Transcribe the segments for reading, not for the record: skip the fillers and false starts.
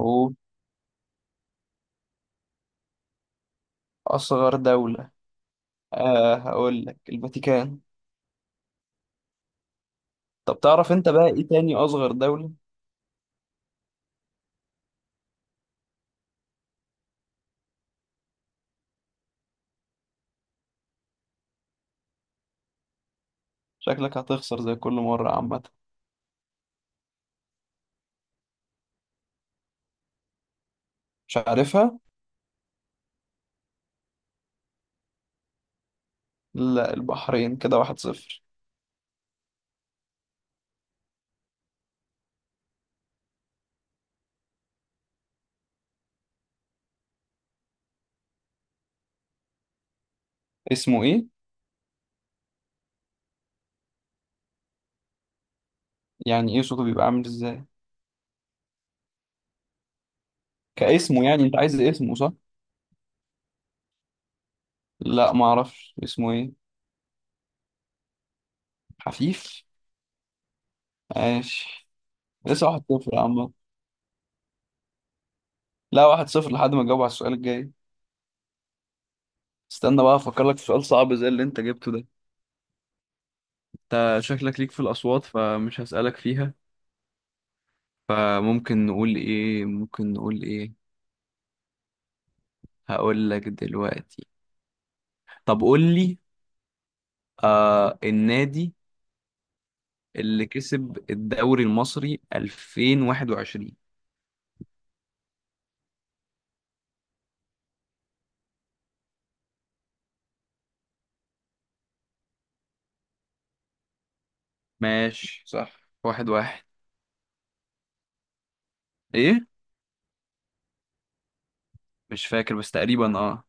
أوه. أصغر دولة. هقول لك الفاتيكان. طب تعرف أنت بقى إيه تاني أصغر دولة؟ شكلك هتخسر زي كل مرة عامة. مش عارفها؟ لا، البحرين، كده واحد صفر. اسمه إيه؟ يعني إيه صوته بيبقى عامل إزاي؟ كاسمه يعني؟ أنت عايز اسمه صح؟ لا، معرفش اسمه إيه؟ حفيف؟ ماشي. لسه واحد صفر يا عم. لا، واحد صفر لحد ما أجاوب على السؤال الجاي. استنى بقى أفكر لك في سؤال صعب زي اللي أنت جبته ده. أنت شكلك ليك في الأصوات، فمش هسألك فيها. فممكن نقول ايه، ممكن نقول ايه. هقول لك دلوقتي. طب قول لي، النادي اللي كسب الدوري المصري 2021. ماشي، صح، واحد واحد. ايه؟ مش فاكر بس تقريبا،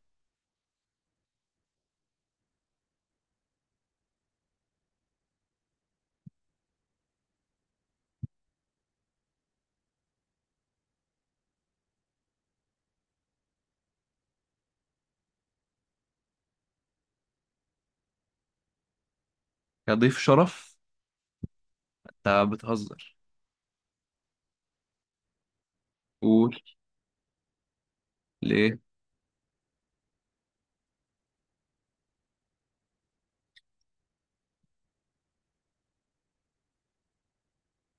يا ضيف شرف. انت بتهزر. قول. ليه؟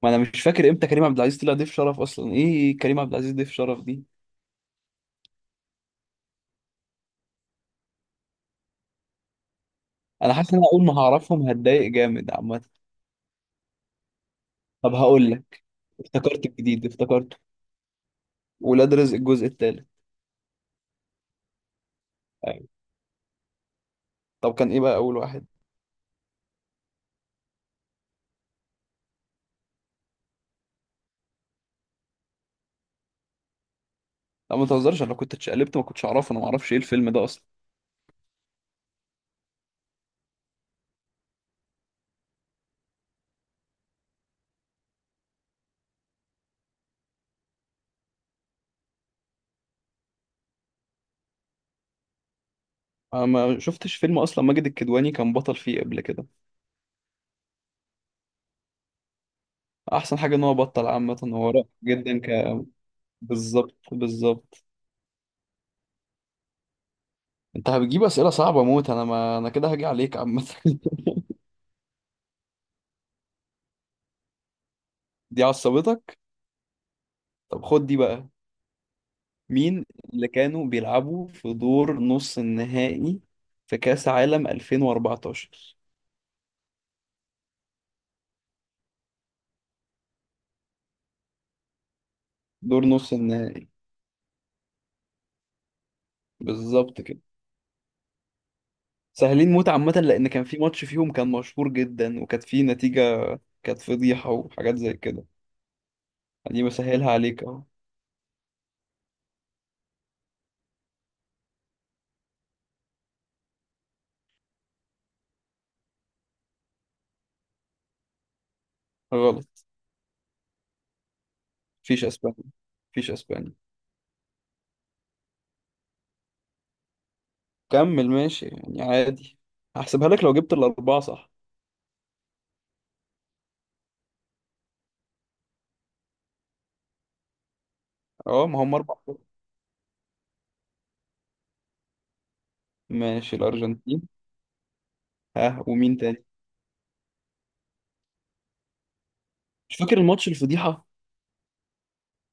ما انا مش فاكر امتى كريم عبد العزيز طلع ضيف شرف اصلا، ايه كريم عبد العزيز ضيف شرف دي. انا حاسس ان انا اول ما هعرفهم هتضايق جامد عامه. طب هقول لك، افتكرت الجديد، افتكرته. ولاد رزق الجزء الثالث. طب كان ايه بقى اول واحد؟ لا ما تهزرش، انا لو كنت اتشقلبت ما كنتش اعرفه، انا ما اعرفش ايه الفيلم ده اصلا. انا ما شفتش فيلم اصلا ماجد الكدواني كان بطل فيه قبل كده. احسن حاجه ان هو بطل، عامه هو رائع جدا ك... بالظبط بالظبط. انت هتجيب اسئله صعبه موت، انا ما انا كده هاجي عليك عامه. دي عصبتك؟ طب خد دي بقى. مين اللي كانوا بيلعبوا في دور نص النهائي في كاس عالم 2014؟ دور نص النهائي، بالظبط كده. سهلين موت عامة، لأن كان في ماتش فيهم كان مشهور جدا وكانت فيه نتيجة، كانت فضيحة وحاجات زي كده. دي بسهلها عليك أهو. غلط. مفيش أسبانيا. مفيش أسبانيا. كمل ماشي يعني عادي. هحسبها لك لو جبت الأربعة صح. أه، ما هم أربعة. ماشي، الأرجنتين. ها، ومين تاني؟ مش فاكر الماتش الفضيحة.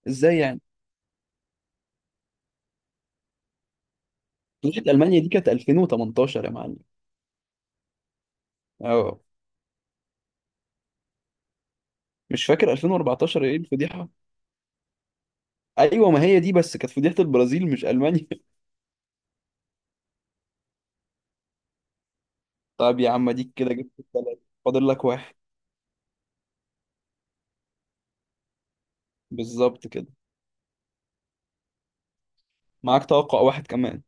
إزاي يعني؟ فضيحة ألمانيا دي كانت 2018 يا معلم. أه. مش فاكر 2014 إيه الفضيحة. أيوة، ما هي دي بس كانت فضيحة البرازيل مش ألمانيا. طب يا عم اديك كده جبت الثلاثة. فاضل لك واحد. بالظبط كده. معاك توقع واحد كمان.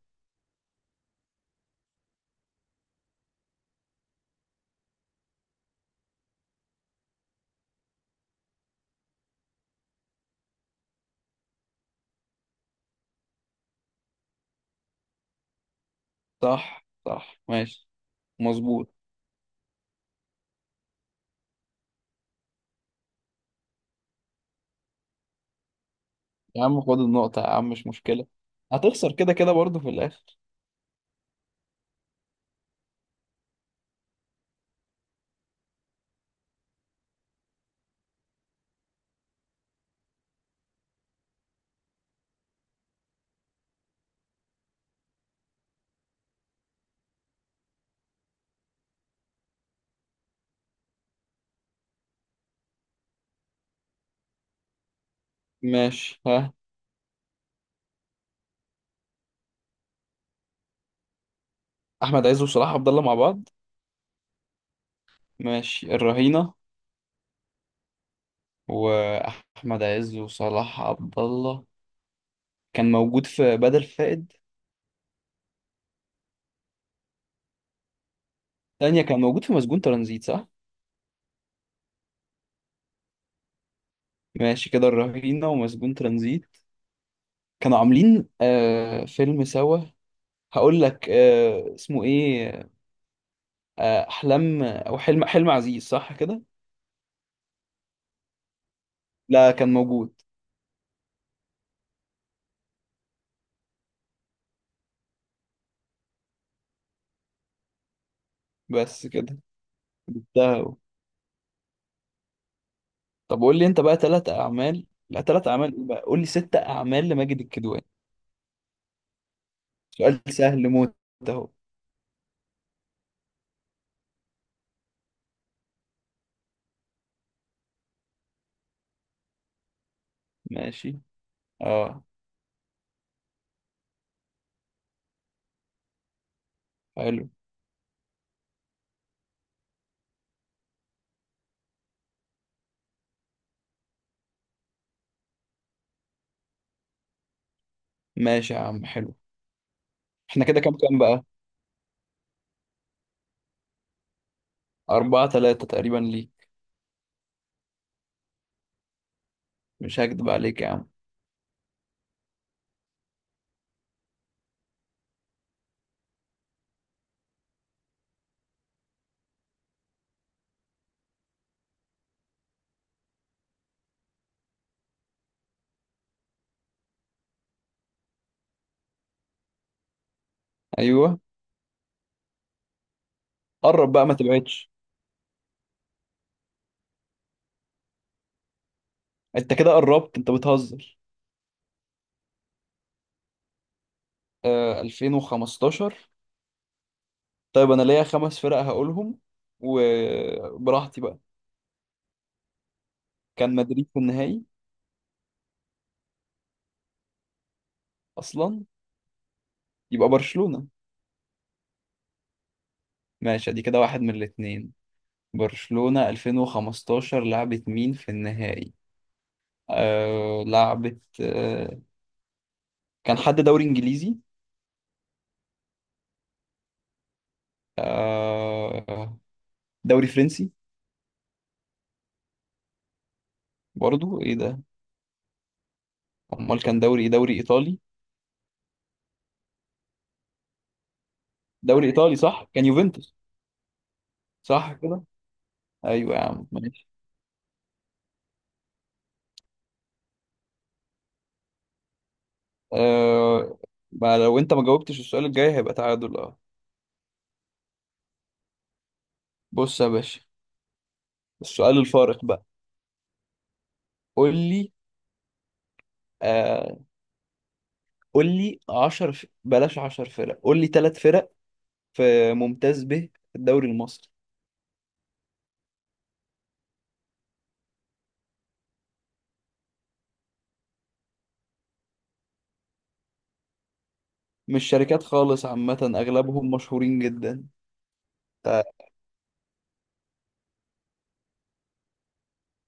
صح، صح، ماشي. مظبوط. يا عم خد النقطة يا عم، مش مشكلة. هتخسر كده كده برضه في الآخر. ماشي. ها. أحمد عز وصلاح عبد الله مع بعض؟ ماشي، الرهينة. وأحمد عز وصلاح عبد الله كان موجود في بدل فائد. تانية كان موجود في مسجون ترانزيت صح؟ ماشي، كده الرهينة ومسجون ترانزيت. كانوا عاملين فيلم سوا. هقول لك اسمه ايه، احلام او حلم عزيز صح كده. لا كان موجود. بس كده. جبتها أهو. طب قول لي انت بقى ثلاث اعمال، لا ثلاث اعمال ايه بقى، قول لي ست اعمال لماجد الكدواني. سؤال سهل موت. اهو. ماشي. اه. حلو. ماشي يا عم، حلو. احنا كده كام، كام بقى؟ أربعة ثلاثة تقريبا ليك. مش هكدب عليك يا عم. ايوه. قرب بقى، ما تبعدش. انت كده قربت، انت بتهزر. 2015. طيب انا ليا خمس فرق هقولهم، وبراحتي بقى. كان مدريد في النهائي اصلا؟ يبقى برشلونة. ماشي، ادي كده واحد من الاتنين. برشلونة 2015 لعبت مين في النهائي؟ لعبت، كان حد دوري انجليزي؟ آه. دوري فرنسي؟ برضو ايه ده؟ امال كان دوري ايه، دوري ايطالي؟ دوري ايطالي، صح، كان يوفنتوس. صح كده. ايوه يا عم ماشي. آه. ما لو انت ما جاوبتش السؤال الجاي هيبقى تعادل اه. بص يا باشا، السؤال الفارق بقى. قول لي، آه قول لي 10 بلاش، 10 فرق، قول لي ثلاث فرق في ممتاز به في الدوري المصري. مش شركات خالص عامة، أغلبهم مشهورين جدا. تا-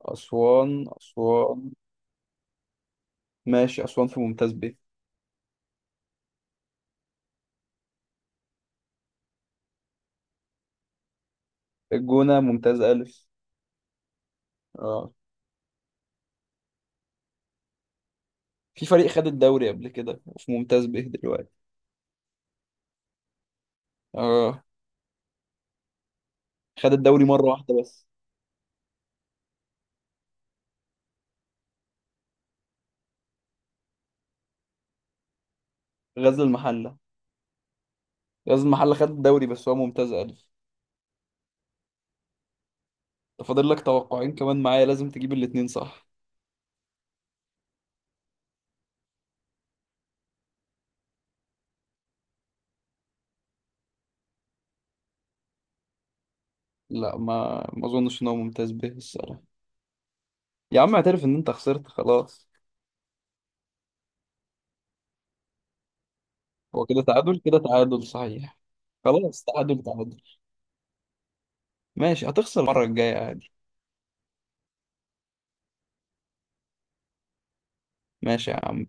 أسوان، أسوان. ماشي، أسوان في ممتاز به. الجونة ممتاز ألف. اه. في فريق خد الدوري قبل كده وفي ممتاز به دلوقتي. اه خد الدوري مرة واحدة بس. غزل المحلة. غزل المحلة خد الدوري بس هو ممتاز ألف. فاضل لك توقعين كمان معايا، لازم تجيب الاتنين صح. لا، ما اظنش ان هو ممتاز به الصراحه. يا عم اعترف ان انت خسرت خلاص. هو كده تعادل، كده تعادل صحيح. خلاص، تعادل تعادل. ماشي، هتخسر المره الجايه عادي. ماشي يا عم.